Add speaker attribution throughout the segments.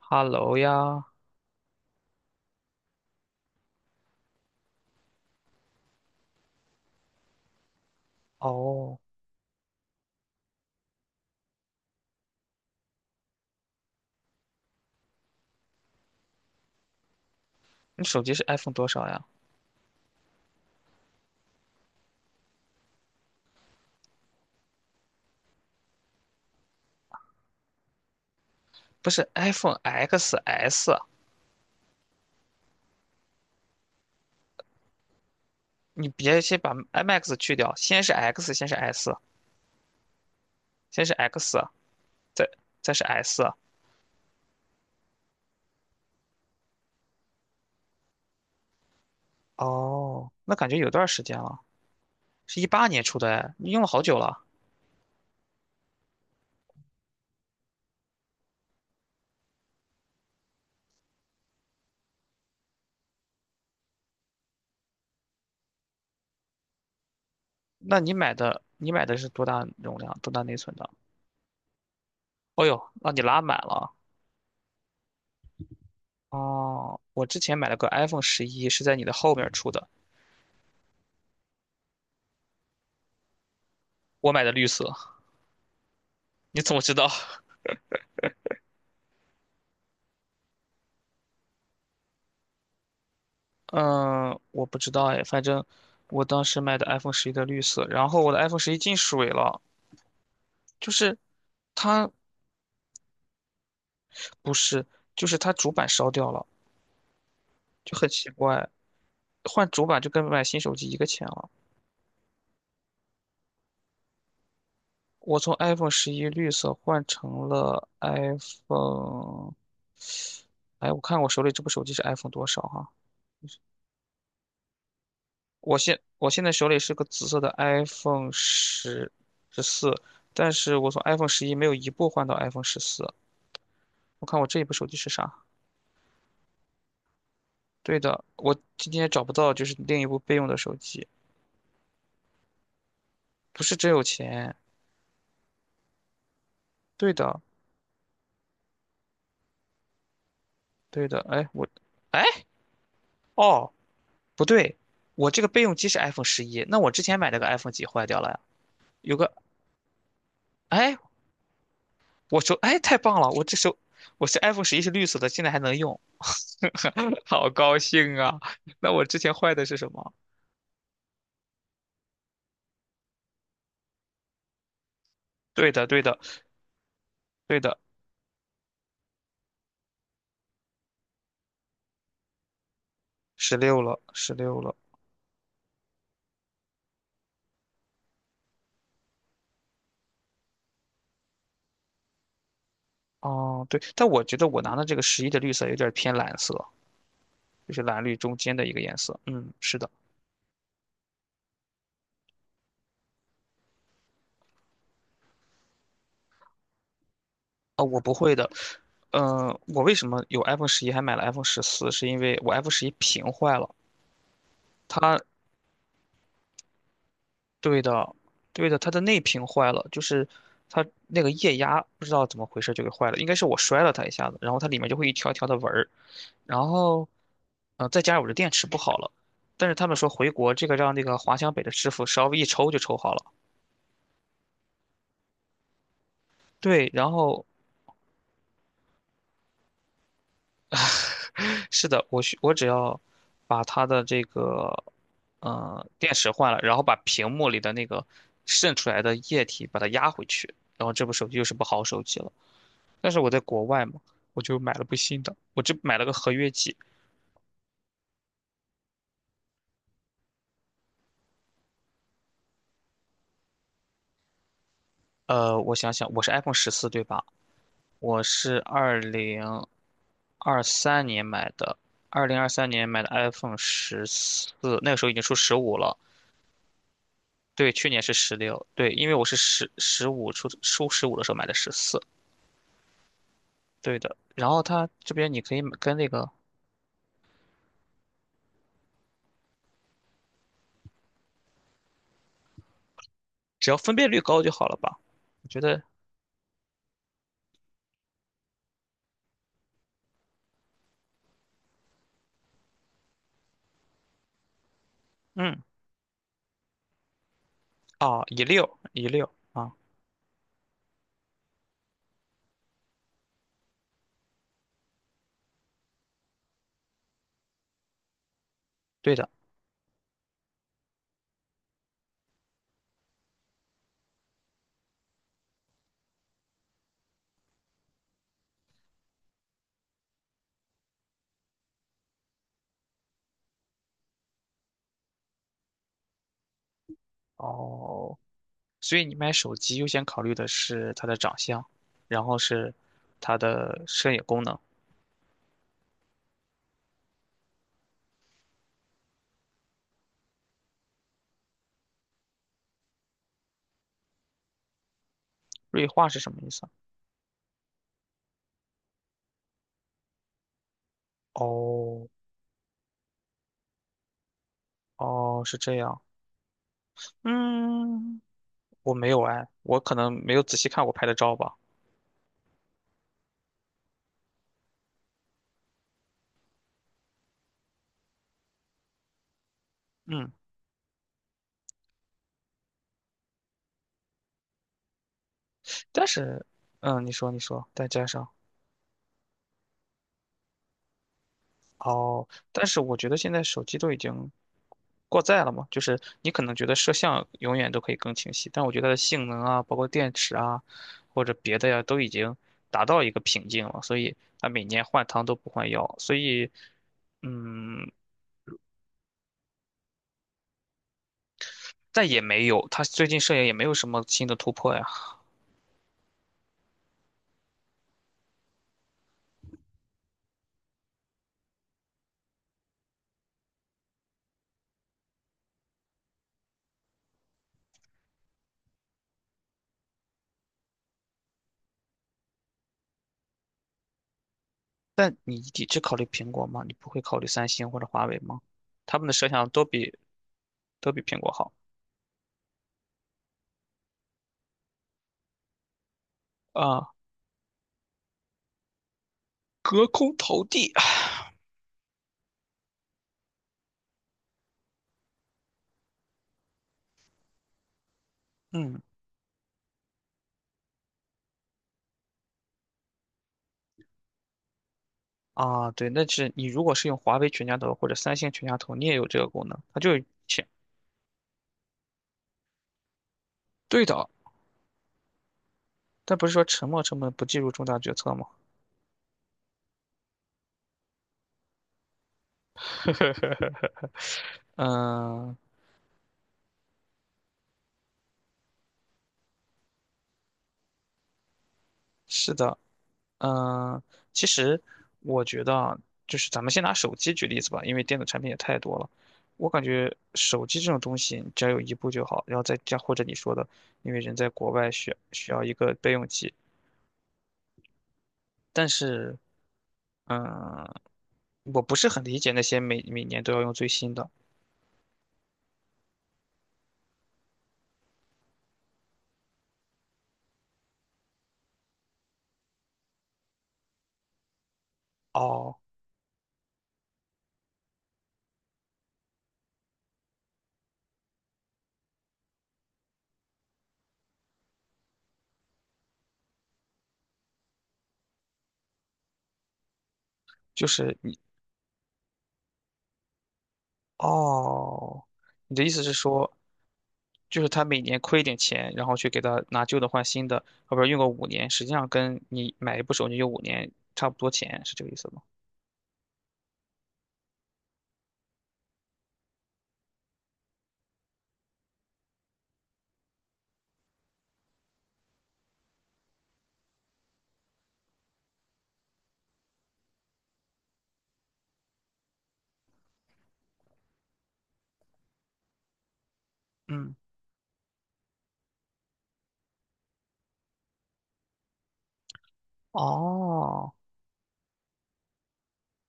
Speaker 1: Hello 呀。哦，你手机是 iPhone 多少呀？不是 iPhone XS，你别先把 i Max 去掉，先是 X，先是 S，先是 X，再再是 S。哦，那感觉有段时间了，是一八年出的哎，你用了好久了。那你买的是多大容量、多大内存的？哦呦，那你拉满了。哦，我之前买了个 iPhone 十一，是在你的后面出的，我买的绿色。你怎么知道？嗯，我不知道哎，反正我当时买的 iPhone 十一的绿色，然后我的 iPhone 十一进水了，就是它不是，就是它主板烧掉了，就很奇怪，换主板就跟买新手机一个钱了。我从 iPhone 十一绿色换成了 iPhone，哎，我看我手里这部手机是 iPhone 多少哈、我现在手里是个紫色的 iPhone 十四，但是我从 iPhone 十一没有一部换到 iPhone 十四。我看我这一部手机是啥？对的，我今天找不到，就是另一部备用的手机，不是真有钱。对的，对的。哎，我，哎，哦，不对，我这个备用机是 iPhone 十一，那我之前买那个 iPhone 几坏掉了呀？有个，哎，我手，哎，太棒了，我这手，我是 iPhone 十一是绿色的，现在还能用，好高兴啊！那我之前坏的是什么？对的，对的，对的，十六了，十六了。哦，对，但我觉得我拿的这个十一的绿色有点偏蓝色。就是蓝绿中间的一个颜色。嗯，是的，啊，我不会的。嗯、我为什么有 iPhone 十一还买了 iPhone 十四？是因为我 iPhone 十一屏坏了，它对的，对的，它的内屏坏了，就是它那个液压不知道怎么回事就给坏了，应该是我摔了它一下子，然后它里面就会一条条的纹儿，然后，再加上我的电池不好了。但是他们说回国这个让那个华强北的师傅稍微一抽就抽好了，对，然后 是的，我只要把它的这个电池换了，然后把屏幕里的那个渗出来的液体把它压回去，然后这部手机又是部好手机了。但是我在国外嘛，我就买了部新的，我这买了个合约机。我想想，我是 iPhone 十四对吧？我是二零二三年买的，二零二三年买的 iPhone 十四，那个时候已经出十五了。对，去年是十六，对，因为我是十五出十五的时候买的十四，对的。然后它这边你可以买跟那个，只要分辨率高就好了吧？我觉得，嗯，啊，一六一六啊，对的。哦，所以你买手机优先考虑的是它的长相，然后是它的摄影功能。锐化是什么意思啊？哦哦，是这样。嗯，我没有哎，我可能没有仔细看我拍的照吧。嗯。但是，嗯，你说你说，再加上哦，但是我觉得现在手机都已经过载了嘛，就是你可能觉得摄像永远都可以更清晰，但我觉得它的性能啊，包括电池啊，或者别的呀，都已经达到一个瓶颈了，所以它每年换汤都不换药，所以，嗯，但也没有，它最近摄影也没有什么新的突破呀。但你只考虑苹果吗？你不会考虑三星或者华为吗？他们的摄像都比苹果好啊。隔空投递。嗯啊，对，那是你如果是用华为全家桶或者三星全家桶，你也有这个功能，它就是钱。对的，但不是说沉没成本不计入重大决策吗？嗯，是的，嗯，其实我觉得啊，就是咱们先拿手机举例子吧，因为电子产品也太多了。我感觉手机这种东西，你只要有一部就好，然后再加或者你说的，因为人在国外需要一个备用机，但是嗯，我不是很理解那些每年都要用最新的。哦，就是你，哦，你的意思是说，就是他每年亏一点钱，然后去给他拿旧的换新的，后边用个五年，实际上跟你买一部手机用五年差不多钱，是这个意思吗？嗯，哦，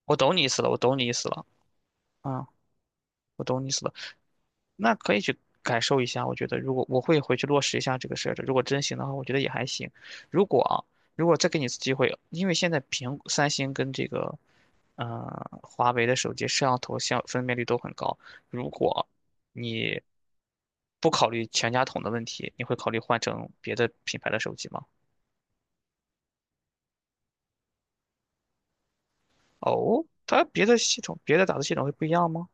Speaker 1: 我懂你意思了，我懂你意思了，嗯，我懂你意思了。那可以去感受一下。我觉得，如果我会回去落实一下这个设置，如果真行的话，我觉得也还行。如果啊，如果再给你一次机会，因为现在苹三星跟这个华为的手机摄像头像分辨率都很高，如果你不考虑全家桶的问题，你会考虑换成别的品牌的手机吗？哦，它别的系统、别的打字系统会不一样吗？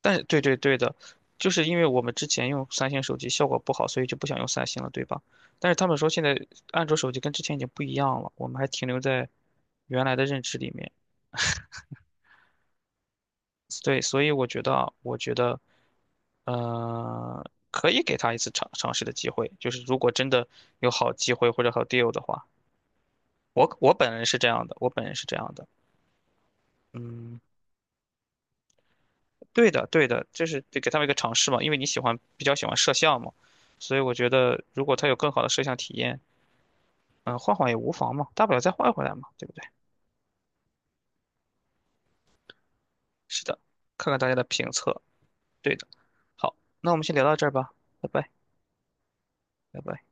Speaker 1: 但对的，就是因为我们之前用三星手机效果不好，所以就不想用三星了，对吧？但是他们说现在安卓手机跟之前已经不一样了，我们还停留在原来的认知里面。对，所以我觉得啊，我觉得，呃，可以给他一次尝试的机会，就是如果真的有好机会或者好 deal 的话，我本人是这样的，我本人是这样的，嗯。对的，对的，这是得给他们一个尝试嘛，因为你喜欢比较喜欢摄像嘛，所以我觉得如果他有更好的摄像体验，嗯，换换也无妨嘛，大不了再换回来嘛，对不对？是的，看看大家的评测，对的。好，那我们先聊到这儿吧，拜拜，拜拜。